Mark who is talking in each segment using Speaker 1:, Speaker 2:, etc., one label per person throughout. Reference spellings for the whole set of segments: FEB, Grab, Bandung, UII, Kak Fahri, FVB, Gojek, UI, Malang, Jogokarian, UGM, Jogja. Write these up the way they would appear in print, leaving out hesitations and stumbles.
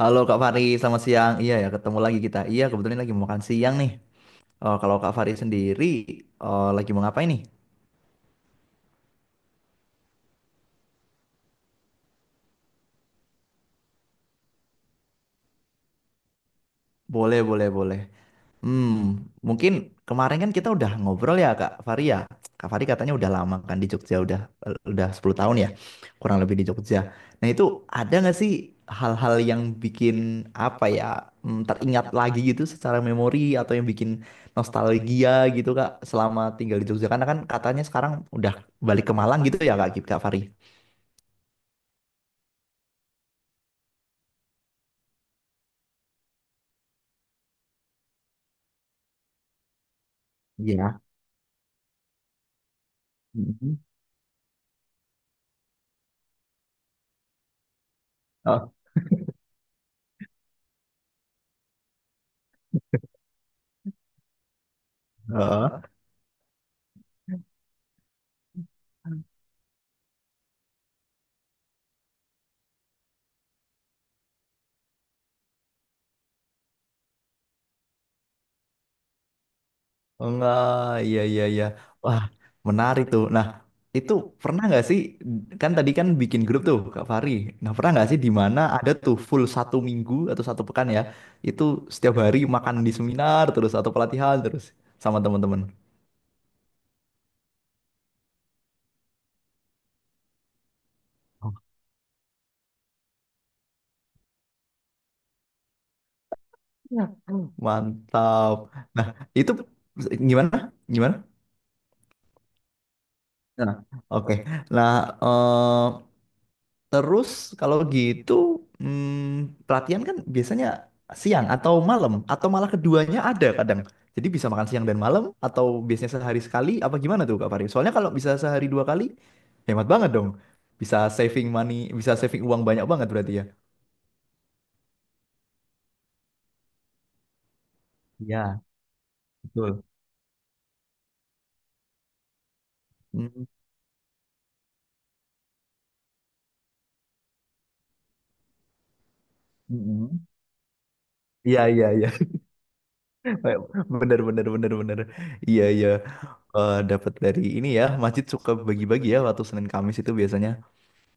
Speaker 1: Halo Kak Fari, selamat siang. Iya ya, ketemu lagi kita. Iya, kebetulan lagi mau makan siang nih. Oh, kalau Kak Fari sendiri, oh, lagi mau ngapain nih? Boleh, boleh, boleh. Hmm, mungkin kemarin kan kita udah ngobrol ya. Kak Fari katanya udah lama kan di Jogja, udah 10 tahun ya, kurang lebih di Jogja. Nah, itu ada nggak sih hal-hal yang bikin apa ya teringat lagi gitu secara memori atau yang bikin nostalgia gitu Kak selama tinggal di Jogja? Karena kan katanya sekarang udah balik ke Malang gitu ya Kak, Kak Fari? Iya. Mhm. Oh, heeh. Oh, enggak, iya, iya, iya. Wah, menarik tuh. Nah, itu pernah nggak sih, kan tadi kan bikin grup tuh Kak Fahri. Nah, pernah nggak sih di mana ada tuh full satu minggu atau satu pekan ya, itu setiap hari makan di seminar terus atau pelatihan terus sama teman-teman. Oh, iya. Mantap. Nah, itu gimana? Gimana? Nah, oke. Nah, eh, terus kalau gitu pelatihan kan biasanya siang atau malam atau malah keduanya ada kadang. Jadi bisa makan siang dan malam atau biasanya sehari sekali apa gimana tuh Kak Fari? Soalnya kalau bisa sehari dua kali hemat banget dong. Bisa saving money, bisa saving uang banyak banget berarti ya. Iya, betul. Mm, mm, iya, iya, iya. Bener, bener, bener, bener. Iya, iya. Eh, dapat dari ini ya. Masjid suka bagi-bagi ya waktu Senin Kamis itu biasanya.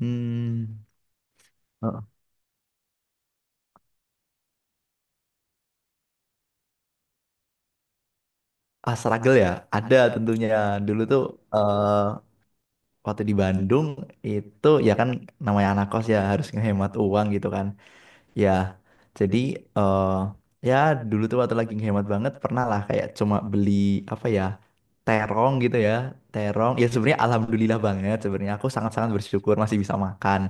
Speaker 1: Hmm. Ah, struggle ya, ada tentunya. Dulu tuh eh waktu di Bandung itu, ya kan, namanya anak kos ya harus ngehemat uang gitu kan. Ya, jadi eh ya dulu tuh waktu lagi hemat banget pernah lah kayak cuma beli apa ya terong gitu ya, terong. Ya sebenarnya alhamdulillah banget, sebenarnya aku sangat-sangat bersyukur masih bisa makan.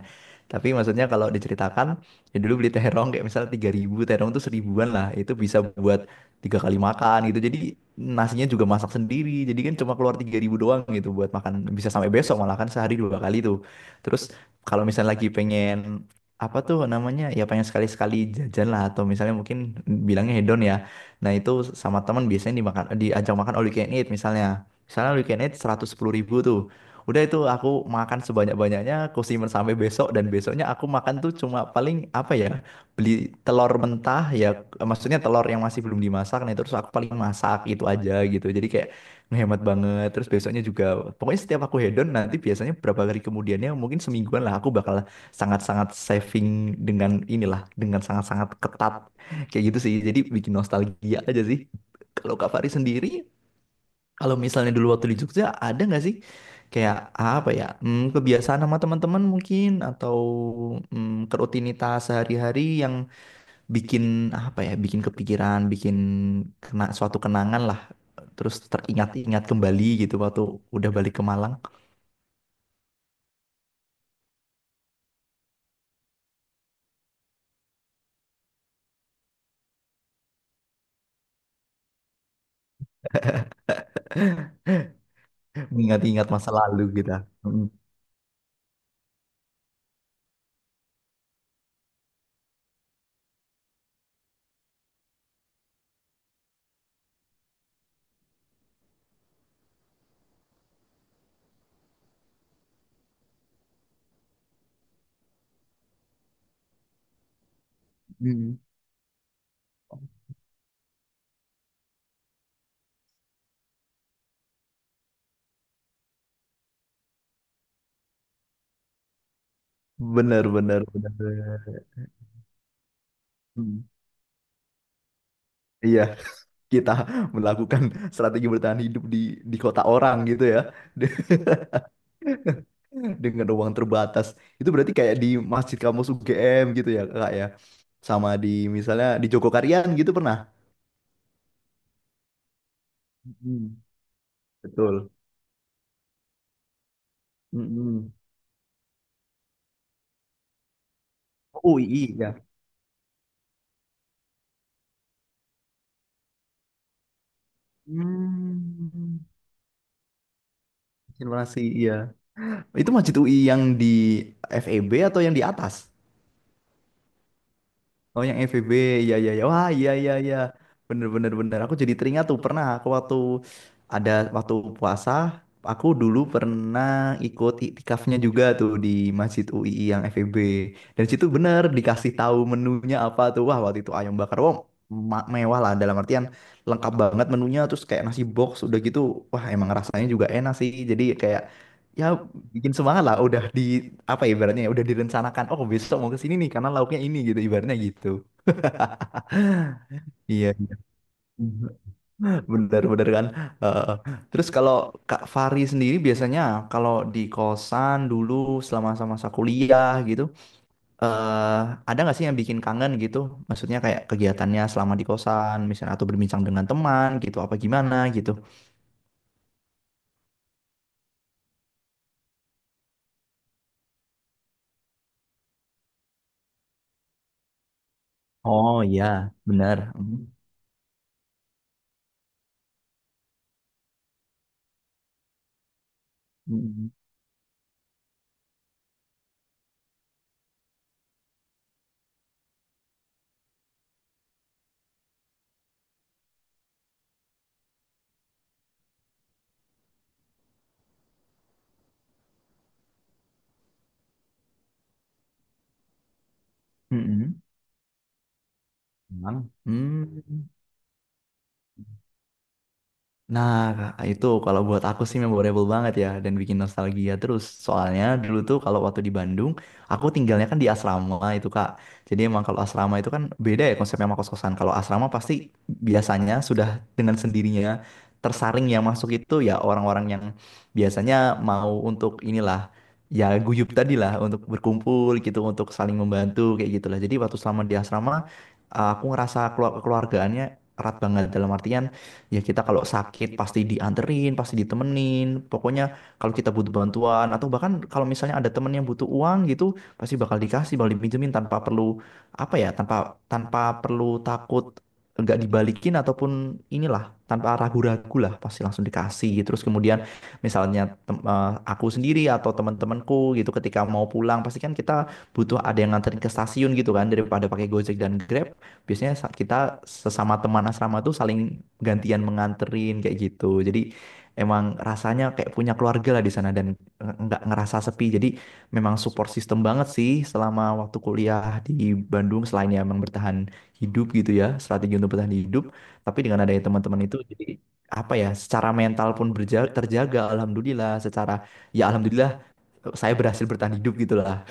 Speaker 1: Tapi maksudnya kalau diceritakan, ya dulu beli terong kayak misalnya tiga ribu, terong tuh seribuan lah, itu bisa buat tiga kali makan gitu. Jadi nasinya juga masak sendiri. Jadi kan cuma keluar 3000 doang gitu, buat makan bisa sampai besok malah, kan sehari dua kali tuh. Terus kalau misalnya lagi pengen apa tuh namanya, ya pengen sekali-sekali jajan lah, atau misalnya mungkin bilangnya hedon ya, nah itu sama teman biasanya dimakan, diajak makan all you can eat, misalnya misalnya all you can eat 110 ribu tuh, udah itu aku makan sebanyak-banyaknya, aku simpen sampai besok, dan besoknya aku makan tuh cuma paling apa ya, beli telur mentah ya, maksudnya telur yang masih belum dimasak, nah terus aku paling masak itu aja gitu. Jadi kayak ngehemat banget. Terus besoknya juga, pokoknya setiap aku hedon, nanti biasanya berapa hari kemudiannya, mungkin semingguan lah, aku bakal sangat-sangat saving, dengan inilah, dengan sangat-sangat ketat kayak gitu sih. Jadi bikin nostalgia aja sih. Kalau Kak Fari sendiri, kalau misalnya dulu waktu di Jogja, ada nggak sih kayak apa ya, kebiasaan sama teman-teman mungkin atau kerutinitas sehari-hari yang bikin apa ya, bikin kepikiran, bikin kena suatu kenangan lah, terus teringat-ingat kembali gitu waktu udah balik ke Malang? Mengingat-ingat masa lalu gitu. Mm. Benar, benar, benar, benar. Hmm. Iya, kita melakukan strategi bertahan hidup di kota orang gitu ya. Dengan uang terbatas. Itu berarti kayak di Masjid Kampus UGM gitu ya, Kak ya. Sama di misalnya di Jogokarian gitu pernah. Mm, betul. Mm-mm. UI ya. Hmm. Simulasi iya. Itu Masjid UI yang di FEB atau yang di atas? Oh yang FVB, iya, iya, iya. Wah, iya, iya, iya. Bener, bener, bener. Aku jadi teringat tuh pernah aku ada waktu puasa, aku dulu pernah ikut iktikafnya juga tuh di Masjid UII yang FVB. Dan situ bener dikasih tahu menunya apa tuh. Wah, waktu itu ayam bakar. Wah, mewah lah, dalam artian lengkap banget menunya, terus kayak nasi box udah gitu. Wah, emang rasanya juga enak sih. Jadi kayak ya bikin semangat lah, udah di apa ya, ibaratnya ya udah direncanakan, oh besok mau ke sini nih karena lauknya ini gitu, ibaratnya gitu, iya, iya. Bener-bener kan. Eh, terus kalau Kak Fari sendiri biasanya kalau di kosan dulu selama masa kuliah gitu, eh ada nggak sih yang bikin kangen gitu, maksudnya kayak kegiatannya selama di kosan misalnya, atau berbincang dengan teman gitu, apa gimana gitu? Oh iya, benar. Mm. Mm-mm. Mm-mm. Emang. Hmm. Nah, Kak, itu kalau buat aku sih memorable banget ya, dan bikin nostalgia terus. Soalnya dulu tuh kalau waktu di Bandung, aku tinggalnya kan di asrama itu Kak. Jadi emang kalau asrama itu kan beda ya konsepnya sama kos-kosan. Kalau asrama pasti biasanya sudah dengan sendirinya tersaring yang masuk itu ya orang-orang yang biasanya mau untuk inilah, ya guyup tadi lah, untuk berkumpul gitu, untuk saling membantu kayak gitulah. Jadi waktu selama di asrama, aku ngerasa keluargaannya erat banget, dalam artian ya kita kalau sakit pasti dianterin, pasti ditemenin. Pokoknya kalau kita butuh bantuan, atau bahkan kalau misalnya ada temen yang butuh uang gitu, pasti bakal dikasih, bakal dipinjemin tanpa perlu apa ya, tanpa tanpa perlu takut nggak dibalikin, ataupun inilah, tanpa ragu-ragu lah pasti langsung dikasih gitu. Terus kemudian misalnya aku sendiri atau teman-temanku gitu ketika mau pulang pasti kan kita butuh ada yang nganterin ke stasiun gitu kan, daripada pakai Gojek dan Grab, biasanya kita sesama teman asrama tuh saling gantian menganterin kayak gitu. Jadi emang rasanya kayak punya keluarga lah di sana dan nggak ngerasa sepi. Jadi memang support system banget sih selama waktu kuliah di Bandung, selain ya emang bertahan hidup gitu ya, strategi untuk bertahan hidup. Tapi dengan adanya teman-teman itu jadi apa ya, secara mental pun terjaga, alhamdulillah. Secara ya alhamdulillah, saya berhasil bertahan hidup gitu lah.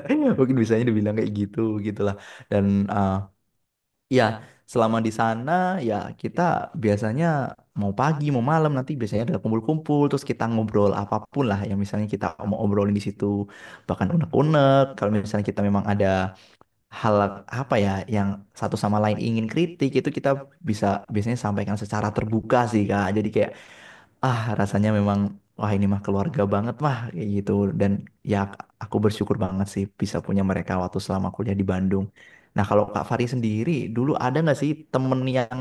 Speaker 1: Mungkin bisanya dibilang kayak gitu gitulah, dan eh, ya, selama di sana ya kita biasanya mau pagi mau malam nanti biasanya ada kumpul-kumpul, terus kita ngobrol apapun lah yang misalnya kita mau obrolin di situ, bahkan unek-unek, kalau misalnya kita memang ada hal apa ya, yang satu sama lain ingin kritik, itu kita bisa biasanya sampaikan secara terbuka sih Kak. Jadi kayak ah, rasanya memang, wah ini mah keluarga banget mah, kayak gitu. Dan ya aku bersyukur banget sih bisa punya mereka waktu selama kuliah di Bandung. Nah kalau Kak Fari sendiri, dulu ada nggak sih temen yang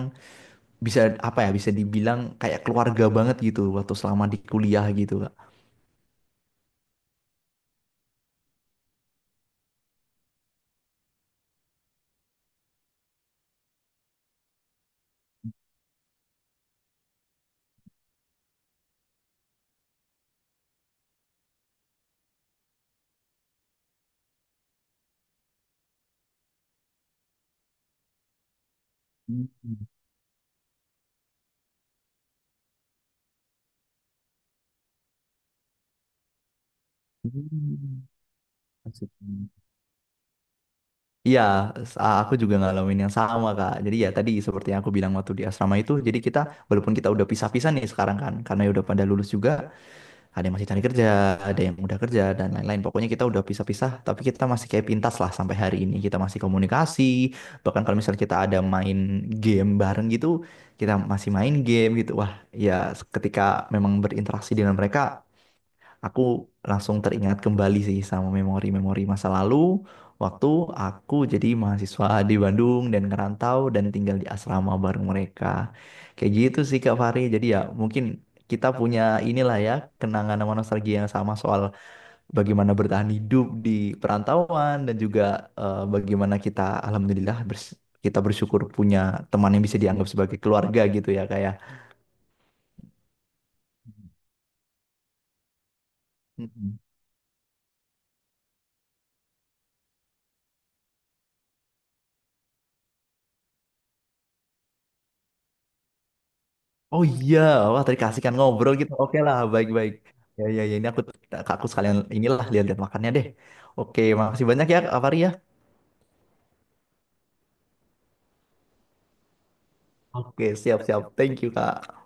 Speaker 1: bisa apa ya, bisa dibilang kayak keluarga banget gitu waktu selama di kuliah gitu Kak? Hmm, hmm, asik. Iya, aku juga ngalamin yang sama, Kak. Jadi ya tadi seperti yang aku bilang waktu di asrama itu, jadi kita, walaupun kita udah pisah-pisah nih sekarang kan, karena ya udah pada lulus juga, ada yang masih cari kerja, ada yang udah kerja dan lain-lain. Pokoknya kita udah pisah-pisah, tapi kita masih kayak pintas lah sampai hari ini. Kita masih komunikasi, bahkan kalau misalnya kita ada main game bareng gitu, kita masih main game gitu. Wah, ya ketika memang berinteraksi dengan mereka, aku langsung teringat kembali sih sama memori-memori masa lalu waktu aku jadi mahasiswa di Bandung dan ngerantau dan tinggal di asrama bareng mereka. Kayak gitu sih Kak Fahri. Jadi ya mungkin kita punya inilah ya, kenangan sama nostalgia yang sama soal bagaimana bertahan hidup di perantauan, dan juga bagaimana kita alhamdulillah kita bersyukur punya teman yang bisa dianggap sebagai keluarga gitu ya, kayak. Oh iya, wah tadi kasih kan ngobrol gitu. Oke lah, baik-baik. Ya, ya, ya, ini aku, sekalian inilah lihat-lihat makannya deh. Oke, makasih banyak ya, Kak Fahri ya. Oke, siap-siap. Thank you, Kak.